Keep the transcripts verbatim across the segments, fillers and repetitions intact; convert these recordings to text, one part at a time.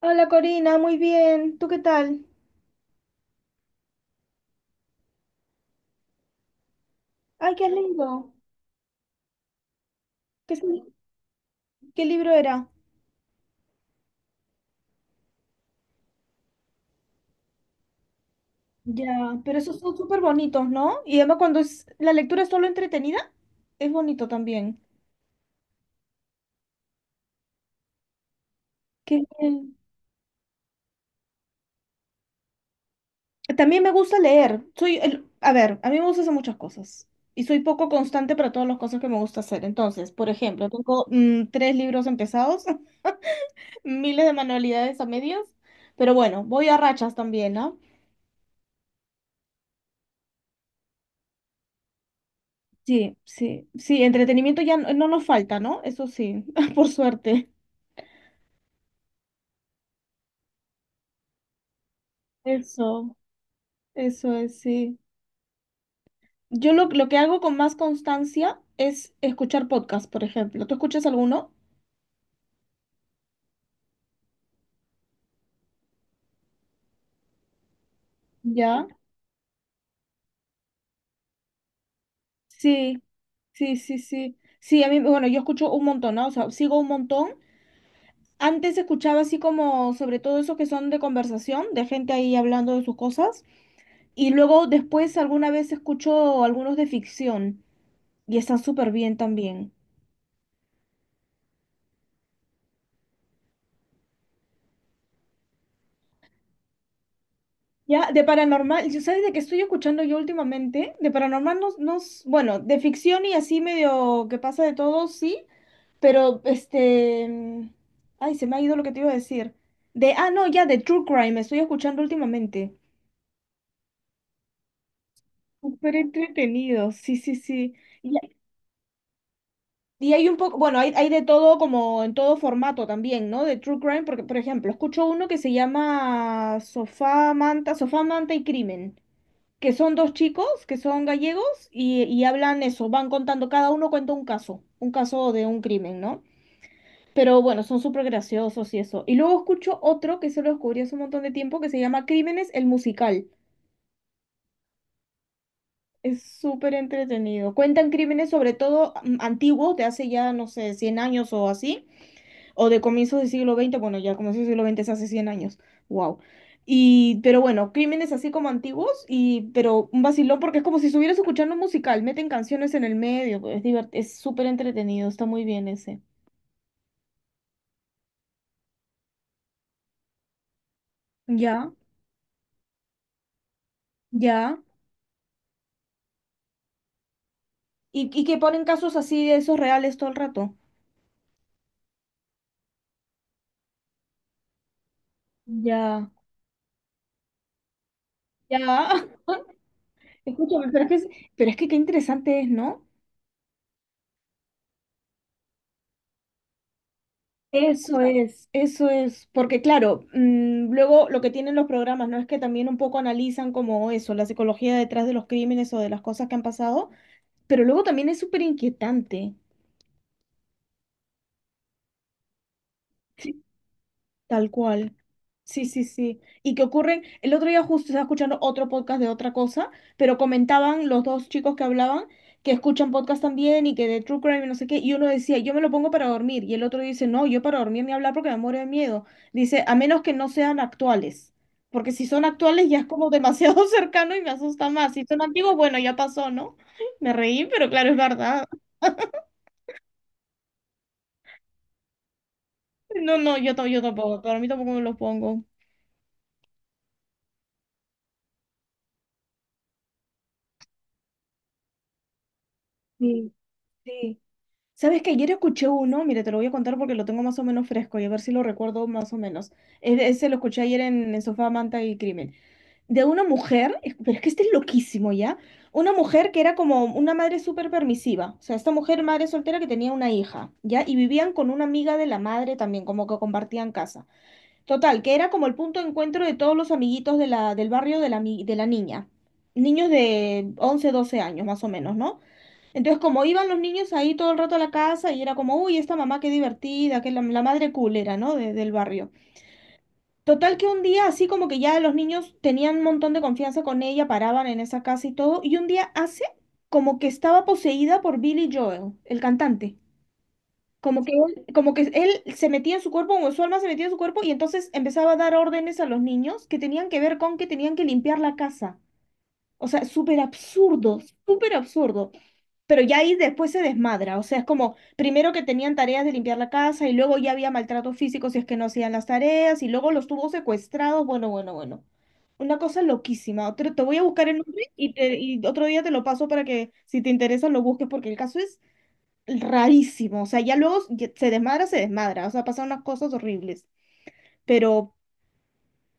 Hola Corina, muy bien. ¿Tú qué tal? Ay, ¿qué has leído? ¿Qué, es- qué libro era? Ya, pero esos son súper bonitos, ¿no? Y además cuando es, la lectura es solo entretenida, es bonito también. Qué bien. También me gusta leer. Soy el- a ver, a mí me gusta hacer muchas cosas y soy poco constante para todas las cosas que me gusta hacer. Entonces, por ejemplo, tengo mm, tres libros empezados, miles de manualidades a medias, pero bueno, voy a rachas también, ¿no? Sí, sí, sí, entretenimiento ya no, no nos falta, ¿no? Eso sí, por suerte. Eso, eso es, sí. Yo lo, lo que hago con más constancia es escuchar podcast, por ejemplo. ¿Tú escuchas alguno? ¿Ya? Sí, sí, sí, sí. Sí, a mí, bueno, yo escucho un montón, ¿no? O sea, sigo un montón. Antes escuchaba así como sobre todo esos que son de conversación, de gente ahí hablando de sus cosas. Y luego después alguna vez escucho algunos de ficción y están súper bien también. Ya, de paranormal, yo- ¿sabes de qué estoy escuchando yo últimamente? De paranormal no, no, s- bueno, de ficción y así medio que pasa de todo, sí, pero este, mm, ay, se me ha ido lo que te iba a decir. De, ah, no, ya, de True Crime, estoy escuchando últimamente. Súper entretenido, sí, sí, sí. Y, y hay un poco, bueno, hay, hay de todo como en todo formato también, ¿no? De True Crime, porque, por ejemplo, escucho uno que se llama Sofá, Manta, Sofá, Manta y Crimen, que son dos chicos que son gallegos y, y hablan eso, van contando, cada uno cuenta un caso, un caso de un crimen, ¿no? Pero bueno, son súper graciosos y eso. Y luego escucho otro que se lo descubrí hace un montón de tiempo que se llama Crímenes, el musical. Es súper entretenido. Cuentan crímenes sobre todo mm, antiguos, de hace ya, no sé, cien años o así, o de comienzos del siglo veinte, bueno, ya comienzos del siglo veinte es hace cien años, wow. Y, pero bueno, crímenes así como antiguos, y, pero un vacilón porque es como si estuvieras escuchando un musical, meten canciones en el medio, pues, es divert- es súper entretenido, está muy bien ese. Ya, ya. Y, y que ponen casos así de esos reales todo el rato. Ya, ya. Escúchame, pero es que, es- pero es que qué interesante es, ¿no? Eso es, eso es, porque claro, mm, luego lo que tienen los programas, ¿no? Es que también un poco analizan como eso, la psicología detrás de los crímenes o de las cosas que han pasado, pero luego también es súper inquietante. Tal cual. Sí, sí, sí. Y que ocurren, el otro día justo estaba escuchando otro podcast de otra cosa, pero comentaban los dos chicos que hablaban que escuchan podcast también y que de True Crime y no sé qué, y uno decía, yo me lo pongo para dormir, y el otro dice, no, yo para dormir ni hablar porque me muero de miedo. Dice, a menos que no sean actuales, porque si son actuales ya es como demasiado cercano y me asusta más. Si son antiguos, bueno, ya pasó, ¿no? Me reí, pero claro, es verdad. No, no, yo, ta- yo tampoco, para mí tampoco me los pongo. Sí, sí. ¿Sabes que ayer escuché uno? Mira, te lo voy a contar porque lo tengo más o menos fresco y a ver si lo recuerdo más o menos. Es- Ese lo escuché ayer en, en Sofá, Manta y Crimen. De una mujer, es- pero es que este es loquísimo, ¿ya? Una mujer que era como una madre súper permisiva. O sea, esta mujer, madre soltera que tenía una hija, ¿ya? Y vivían con una amiga de la madre también, como que compartían casa. Total, que era como el punto de encuentro de todos los amiguitos de la, del barrio de la, mi- de la niña. Niños de once doce años, más o menos, ¿no? Entonces, como iban los niños ahí todo el rato a la casa y era como, uy, esta mamá qué divertida, que la, la madre culera, ¿no? De- del barrio. Total que un día, así como que ya los niños tenían un montón de confianza con ella, paraban en esa casa y todo, y un día hace como que estaba poseída por Billy Joel, el cantante. Como que él, como que él se metía en su cuerpo, o su alma se metía en su cuerpo, y entonces empezaba a dar órdenes a los niños que tenían que ver con que tenían que limpiar la casa. O sea, súper absurdo, súper absurdo. Pero ya ahí después se desmadra, o sea, es como primero que tenían tareas de limpiar la casa y luego ya había maltrato físico si es que no hacían las tareas y luego los tuvo secuestrados, bueno, bueno, bueno. Una cosa loquísima. Otro- te voy a buscar el nombre y, te- y otro día te lo paso para que si te interesa lo busques porque el caso es rarísimo, o sea, ya luego ya- se desmadra, se desmadra, o sea, pasan unas cosas horribles, pero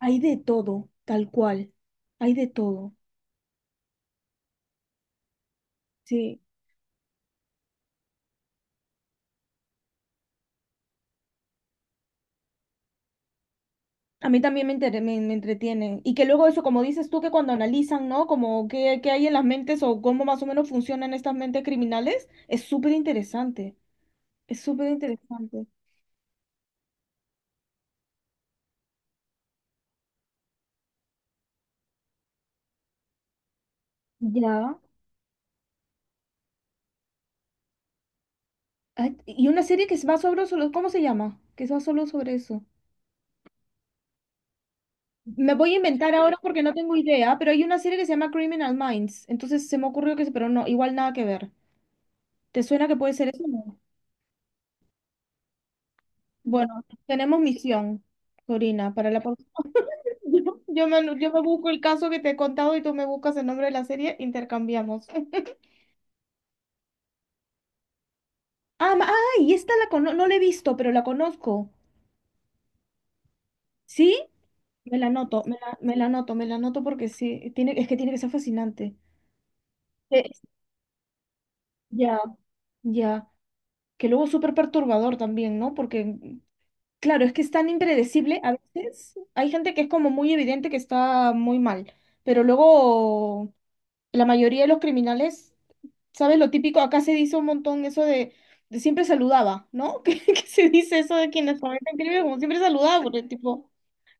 hay de todo, tal cual, hay de todo. Sí. A mí también me, entre- me, me entretiene. Y que luego eso, como dices tú, que cuando analizan, ¿no? Como qué, qué hay en las mentes o cómo más o menos funcionan estas mentes criminales, es súper interesante. Es súper interesante. Ya. Ay, y una serie que es más sobre, sobre- ¿cómo se llama? Que es más solo sobre eso. Me voy a inventar ahora porque no tengo idea, pero hay una serie que se llama Criminal Minds. Entonces se me ocurrió que, sí, pero no, igual nada que ver. ¿Te suena que puede ser eso? No. Bueno, tenemos misión, Corina, para la... Yo, yo me, yo me busco el caso que te he contado y tú me buscas el nombre de la serie, intercambiamos. Ah, ma- ay, esta la cono no la he visto, pero la conozco. ¿Sí? Me la anoto, me la, me la anoto, me la anoto porque sí, tiene, es que tiene que ser fascinante. Eh, ya, ya. Que luego es súper perturbador también, ¿no? Porque, claro, es que es tan impredecible. A veces hay gente que es como muy evidente que está muy mal, pero luego la mayoría de los criminales, ¿sabes? Lo típico, acá se dice un montón eso de, de siempre saludaba, ¿no? Que, que se dice eso de quienes cometen crímenes como siempre saludaba, porque tipo,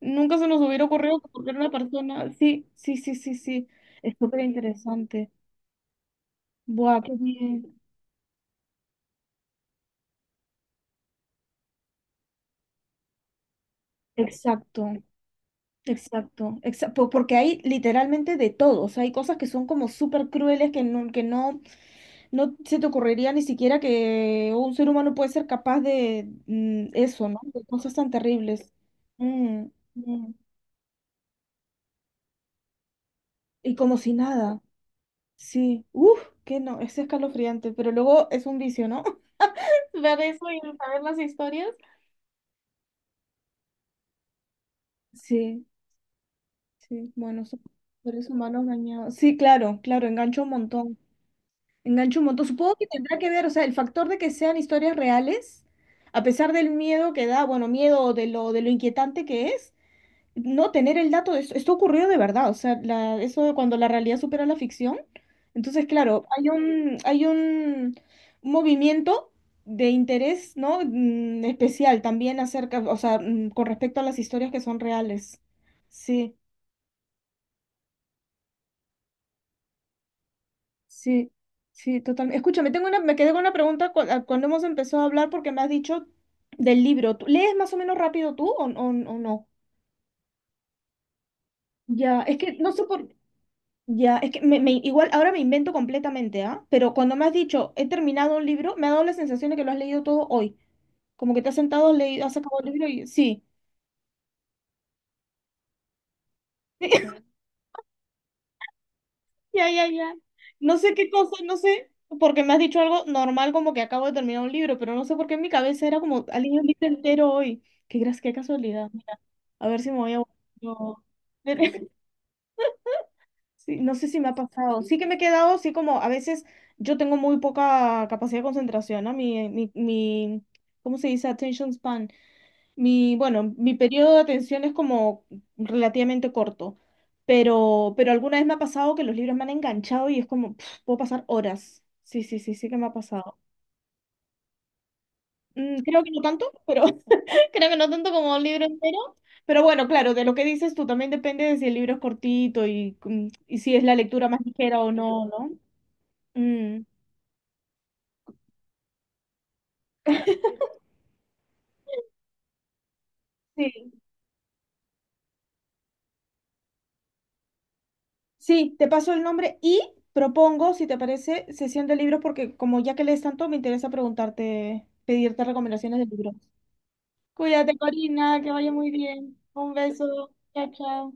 nunca se nos hubiera ocurrido que porque era una persona. Sí, sí, sí, sí, sí. Es súper interesante. Buah, qué bien. Exacto, exacto, exacto. Porque hay literalmente de todo. O sea, hay cosas que son como súper crueles que no, que no. No se te ocurriría ni siquiera que un ser humano puede ser capaz de mm, eso, ¿no? De cosas tan terribles. Mm, mm. Y como si nada. Sí. Uf, que no, es escalofriante, pero luego es un vicio, ¿no? Ver eso y saber las historias. Sí, sí. Bueno, so- seres humanos dañados. Sí, claro, claro, engancho un montón. Engancho un montón. Supongo que tendrá que ver, o sea, el factor de que sean historias reales, a pesar del miedo que da, bueno, miedo de lo, de lo inquietante que es, no tener el dato de esto, esto ocurrió de verdad, o sea, la, eso de cuando la realidad supera la ficción. Entonces, claro, hay un, hay un movimiento de interés, ¿no? Mm, especial también acerca, o sea, mm, con respecto a las historias que son reales. Sí, sí, sí, totalmente. Escúchame, tengo una, me quedé con una pregunta cu- a- cuando hemos empezado a hablar porque me has dicho del libro. ¿Tú- ¿Lees más o menos rápido tú o, o o no? Ya, es que no sé por, ya, es que me, me- igual ahora me invento completamente, ¿ah? Pero cuando me has dicho, he terminado un libro, me ha dado la sensación de que lo has leído todo hoy. Como que te has sentado, has leído, has sacado el libro y sí. Ya, ya, ya. No sé qué cosa, no sé, porque me has dicho algo normal como que acabo de terminar un libro, pero no sé por qué en mi cabeza era como, ha leído un libro entero hoy. Qué, gra- qué casualidad. Mira, a ver si me voy a... no. Sí, no sé si me ha pasado. Sí que me he quedado así como a veces yo tengo muy poca capacidad de concentración, ¿no? Mi, mi, mi, ¿cómo se dice? Attention span. Mi, bueno, mi periodo de atención es como relativamente corto, pero, pero alguna vez me ha pasado que los libros me han enganchado y es como, pf, puedo pasar horas. Sí, sí, sí, sí que me ha pasado. Mm, creo que no tanto, pero creo que no tanto como un libro entero. Pero bueno, claro, de lo que dices tú también depende de si el libro es cortito y, mm, y si es la lectura más ligera o no, ¿no? Mm, sí, sí, te paso el nombre y propongo, si te parece, sesión de libros, porque como ya que lees tanto, me interesa preguntarte, pedirte recomendaciones de libros. Cuídate, Corina, que vaya muy bien. Un beso. Chao, chao.